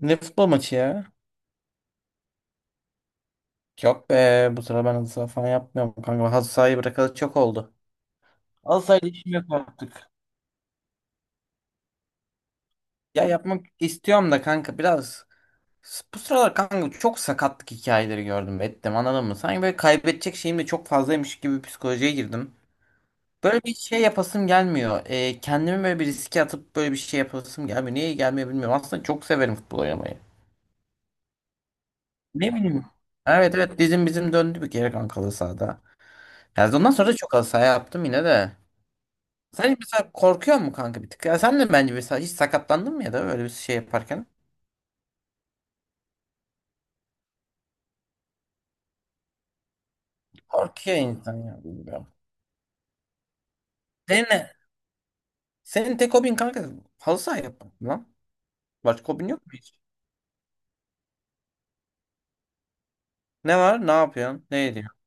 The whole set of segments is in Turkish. Ne futbol maçı ya? Yok be, bu sıra ben halı saha falan yapmıyorum kanka. Ben halı sahayı bırakalı çok oldu. Halı sahayla işim yok artık. Ya yapmak istiyorum da kanka biraz. Bu sıralar kanka çok sakatlık hikayeleri gördüm ettim, anladın mı? Sanki böyle kaybedecek şeyim de çok fazlaymış gibi bir psikolojiye girdim. Böyle bir şey yapasım gelmiyor. Kendimi böyle bir riske atıp böyle bir şey yapasım gelmiyor. Niye gelmiyor bilmiyorum. Aslında çok severim futbol oynamayı. Ne bileyim. Evet evet, dizim bizim döndü bir kere kanka halı sahada. Yani ondan sonra da çok halı saha yaptım yine de. Sen mesela korkuyor mu kanka bir tık? Ya sen de bence mesela hiç sakatlandın mı ya da öyle bir şey yaparken? Korkuyor insan ya, bilmiyorum. Senin ne? Senin tek hobin kanka halı saha yapmak mı lan. Başka hobin yok mu hiç? Ne var? Ne yapıyorsun? Ne ediyorsun?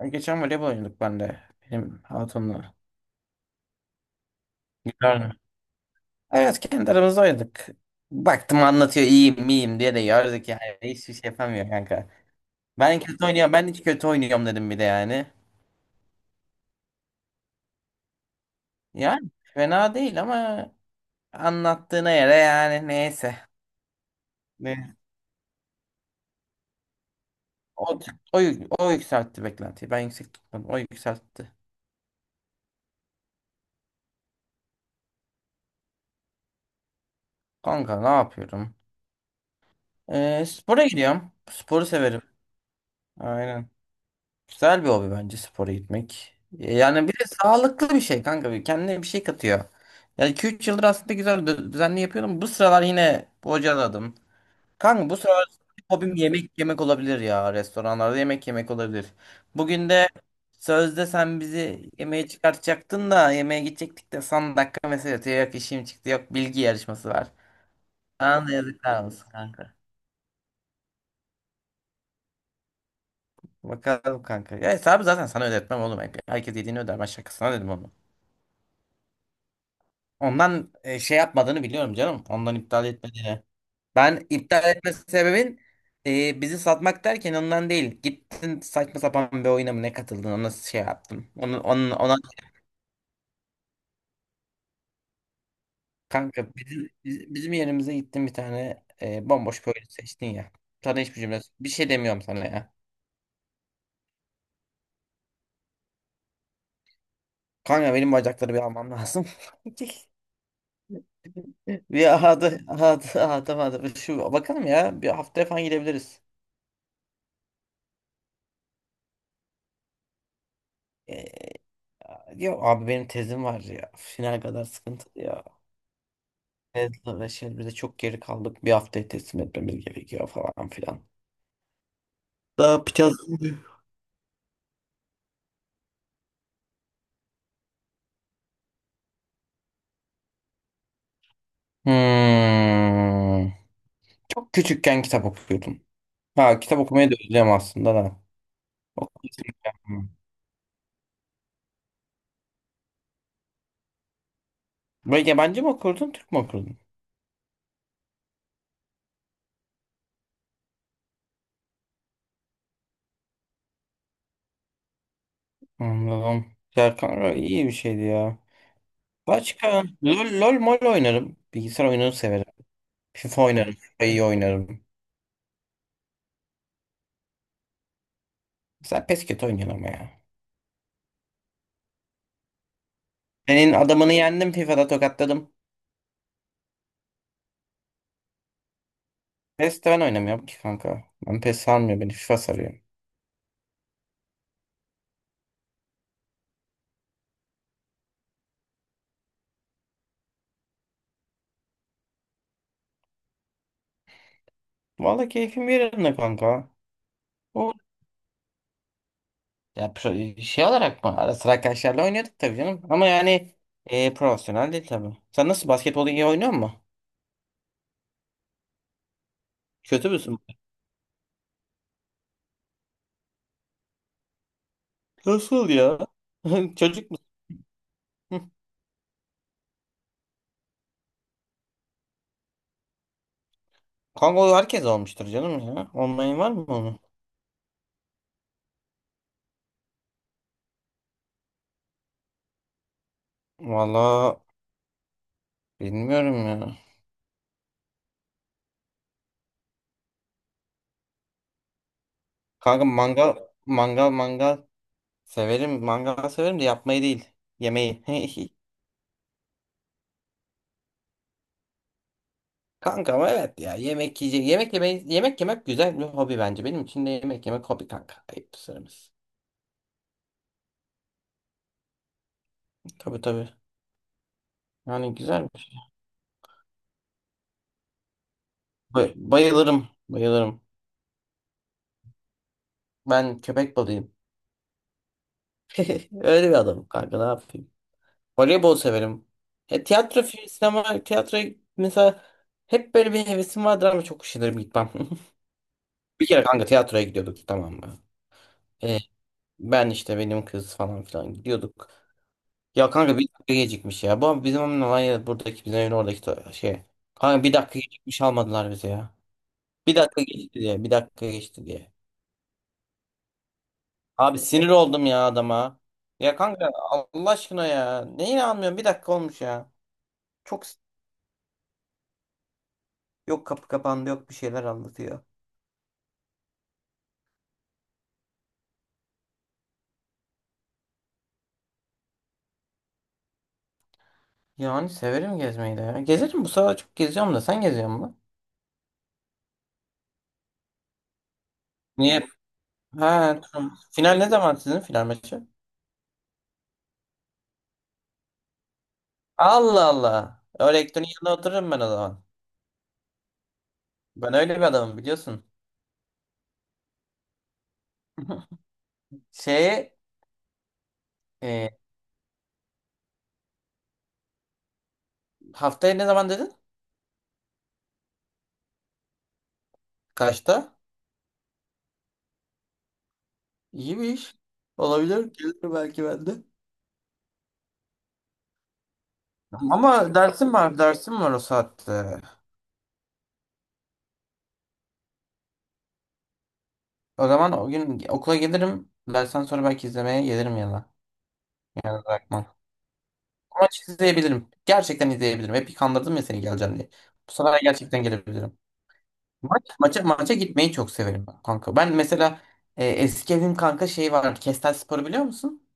Ya geçen voleybol oynadık ben de. Benim hatunla. Güzel mi? Evet, kendi aramızda oynadık. Baktım anlatıyor iyiyim miyim diye de yardık yani. Hiçbir şey yapamıyor kanka. Ben kötü oynuyorum. Ben hiç kötü oynuyorum dedim bir de yani. Yani fena değil ama anlattığına göre yani neyse. Ne? O, o, o yükseltti beklentiyi. Ben yüksek tutmadım. O yükseltti. Kanka ne yapıyorum? Spora gidiyorum. Sporu severim. Aynen. Güzel bir hobi bence spora gitmek. Yani bir de sağlıklı bir şey kanka. Bir kendine bir şey katıyor. Yani 2-3 yıldır aslında güzel düzenli yapıyordum. Bu sıralar yine bocaladım. Kanka bu sıralar hobim yemek yemek olabilir ya. Restoranlarda yemek yemek olabilir. Bugün de sözde sen bizi yemeğe çıkartacaktın da yemeğe gidecektik de son dakika mesaj atıyor. Yok işim çıktı, yok bilgi yarışması var. Sana da yazıklar olsun kanka. Bakalım kanka. Ya hesabı zaten sana ödetmem oğlum. Herkes yediğini öder. Ben şakasına dedim onu. Ondan şey yapmadığını biliyorum canım. Ondan iptal etmediğini. Ben iptal etme sebebin bizi satmak derken ondan değil. Gittin saçma sapan bir oyuna mı ne katıldın ona şey yaptım. Ona kanka bizim yerimize gittin bir tane bomboş bir oyun seçtin ya. Sana hiçbir cümle bir şey demiyorum sana ya. Kanka benim bacakları bir almam lazım. Hadi hadi hadi hadi şu bakalım ya, bir haftaya falan gidebiliriz. E, Ya abi benim tezim var ya, final kadar sıkıntı ya. Tezle uğraşıyoruz. Biz de çok geri kaldık. Bir haftaya teslim etmemiz gerekiyor falan filan. Daha biraz... Hmm. Çok küçükken kitap okuyordum. Ha, kitap okumayı da özlüyorum aslında da. Okuyordum. Böyle yabancı mı okurdun, Türk mü okurdun? Anladım. Ya kanka iyi bir şeydi ya. Başka? LOL, LOL mol oynarım. Bilgisayar oyununu severim. FIFA oynarım. FIFA'yı oynarım. Sen PES kötü oynuyorsun ama ya. Senin adamını yendim FIFA'da tokatladım. PES'te ben oynamıyorum ki kanka. Ben PES sarmıyor beni. FIFA sarıyor. Vallahi keyfim yerinde kanka. O ya şey olarak mı? Ara sıra arkadaşlarla oynuyorduk tabii canım. Ama yani profesyonel değil tabii. Sen nasıl, basketbolu iyi oynuyor musun? Kötü müsün? Nasıl ya? Çocuk musun? Hı. Kanka o herkes olmuştur canım ya. Olmayın var mı onu? Vallahi bilmiyorum ya. Kanka mangal severim. Mangal severim de yapmayı değil. Yemeği. Kanka ama evet ya yemek yiyecek yemek yemeyi yemek yemek güzel bir hobi bence, benim için de yemek yemek hobi kanka, ayıp söylemesi. Tabii tabii, yani güzel bir şey. Bayılırım bayılırım, ben köpek balıyım, öyle bir adamım kanka ne yapayım, voleybol severim, tiyatro sinema tiyatro mesela, hep böyle bir hevesim vardır ama çok üşenirim gitmem. Bir kere kanka tiyatroya gidiyorduk tamam mı? E, Ben işte, benim kız falan filan gidiyorduk. Ya kanka bir dakika gecikmiş ya. Bu bizim evin olay ya, buradaki bizim evin oradaki şey. Kanka bir dakika gecikmiş almadılar bizi ya. Bir dakika geçti diye. Bir dakika geçti diye. Abi sinir oldum ya adama. Ya kanka Allah aşkına ya. Neyi almıyorum? Bir dakika olmuş ya. Çok s- Yok kapı kapandı, yok bir şeyler anlatıyor. Yani severim gezmeyi de ya. Gezerim, bu sefer çok geziyorum, da sen geziyor musun? Niye? Ha tamam. Final ne zaman, sizin final maçı? Allah Allah. Öyle Ektor'un yanına otururum ben o zaman. Ben öyle bir adamım biliyorsun. Şeye e, haftaya ne zaman dedin? Kaçta? İyi bir iş. Olabilir. Gelir belki ben de. Ama dersim var. Dersim var o saatte. O zaman o gün okula gelirim. Dersten sonra belki izlemeye gelirim yana. Yani bırakmam. Ama izleyebilirim. Gerçekten izleyebilirim. Hep kandırdım ya seni geleceğim diye. Bu sefer gerçekten gelebilirim. Maça gitmeyi çok severim ben kanka. Ben mesela eski evim kanka şey var. Kestel Spor'u biliyor musun?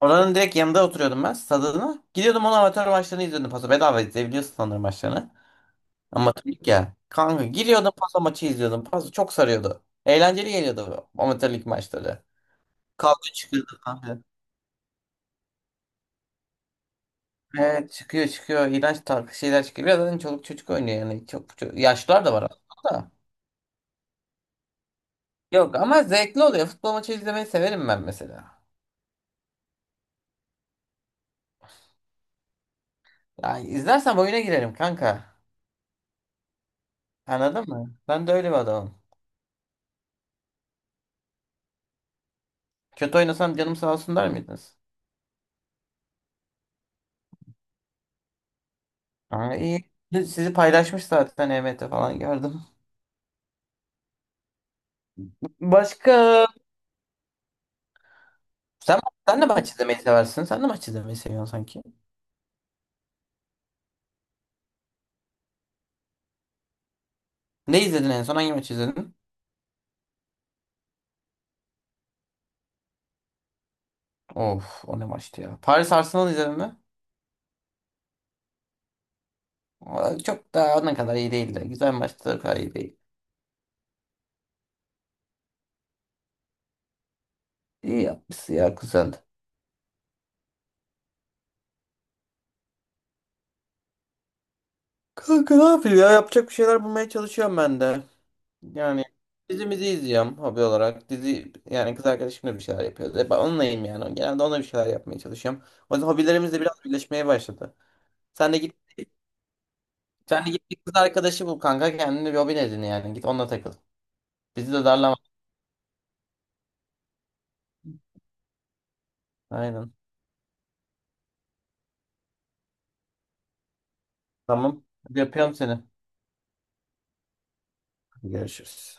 Oranın direkt yanında oturuyordum ben, stadına. Gidiyordum onun amatör maçlarını izliyordum. Paso bedava izleyebiliyorsun sanırım maçlarını. Amatörlük ya. Kanka giriyordum paso maçı izliyordum. Paso çok sarıyordu. Eğlenceli geliyordu bu amatörlük maçları. Kavga çıkıyordu kanka. Evet çıkıyor çıkıyor. İğrenç tarz şeyler çıkıyor. Biraz zaten çoluk çocuk oynuyor yani. Yaşlılar da var aslında. Da. Yok ama zevkli oluyor. Futbol maçı izlemeyi severim ben mesela. Yani izlersem oyuna girerim kanka. Anladın mı? Ben de öyle bir adamım. Kötü oynasam canım sağ olsun der miydiniz? Aa, iyi. Sizi paylaşmış zaten, EMT falan gördüm. Başka sen, sen de maç izlemeyi seversin. Sen de maç izlemeyi seviyorsun sanki. Ne izledin en son? Hangi maç izledin? Of o ne maçtı ya. Paris Arsenal izledin mi? Aa, çok da ne kadar iyi değildi. Güzel maçtı, o kadar iyi değil. İyi yapmışsın ya, güzeldi. Kanka ne yapayım ya? Yapacak bir şeyler bulmaya çalışıyorum ben de. Yani dizimizi izliyorum hobi olarak. Dizi, yani kız arkadaşımla bir şeyler yapıyoruz. Hep onunlayım yani. Genelde onunla bir şeyler yapmaya çalışıyorum. O yüzden hobilerimiz de biraz birleşmeye başladı. Sen de git Sen de git bir kız arkadaşı bul kanka, kendine bir hobin edin yani. Git onunla takıl. Bizi de darlama. Aynen. Tamam. Hadi öpüyorum seni. Görüşürüz.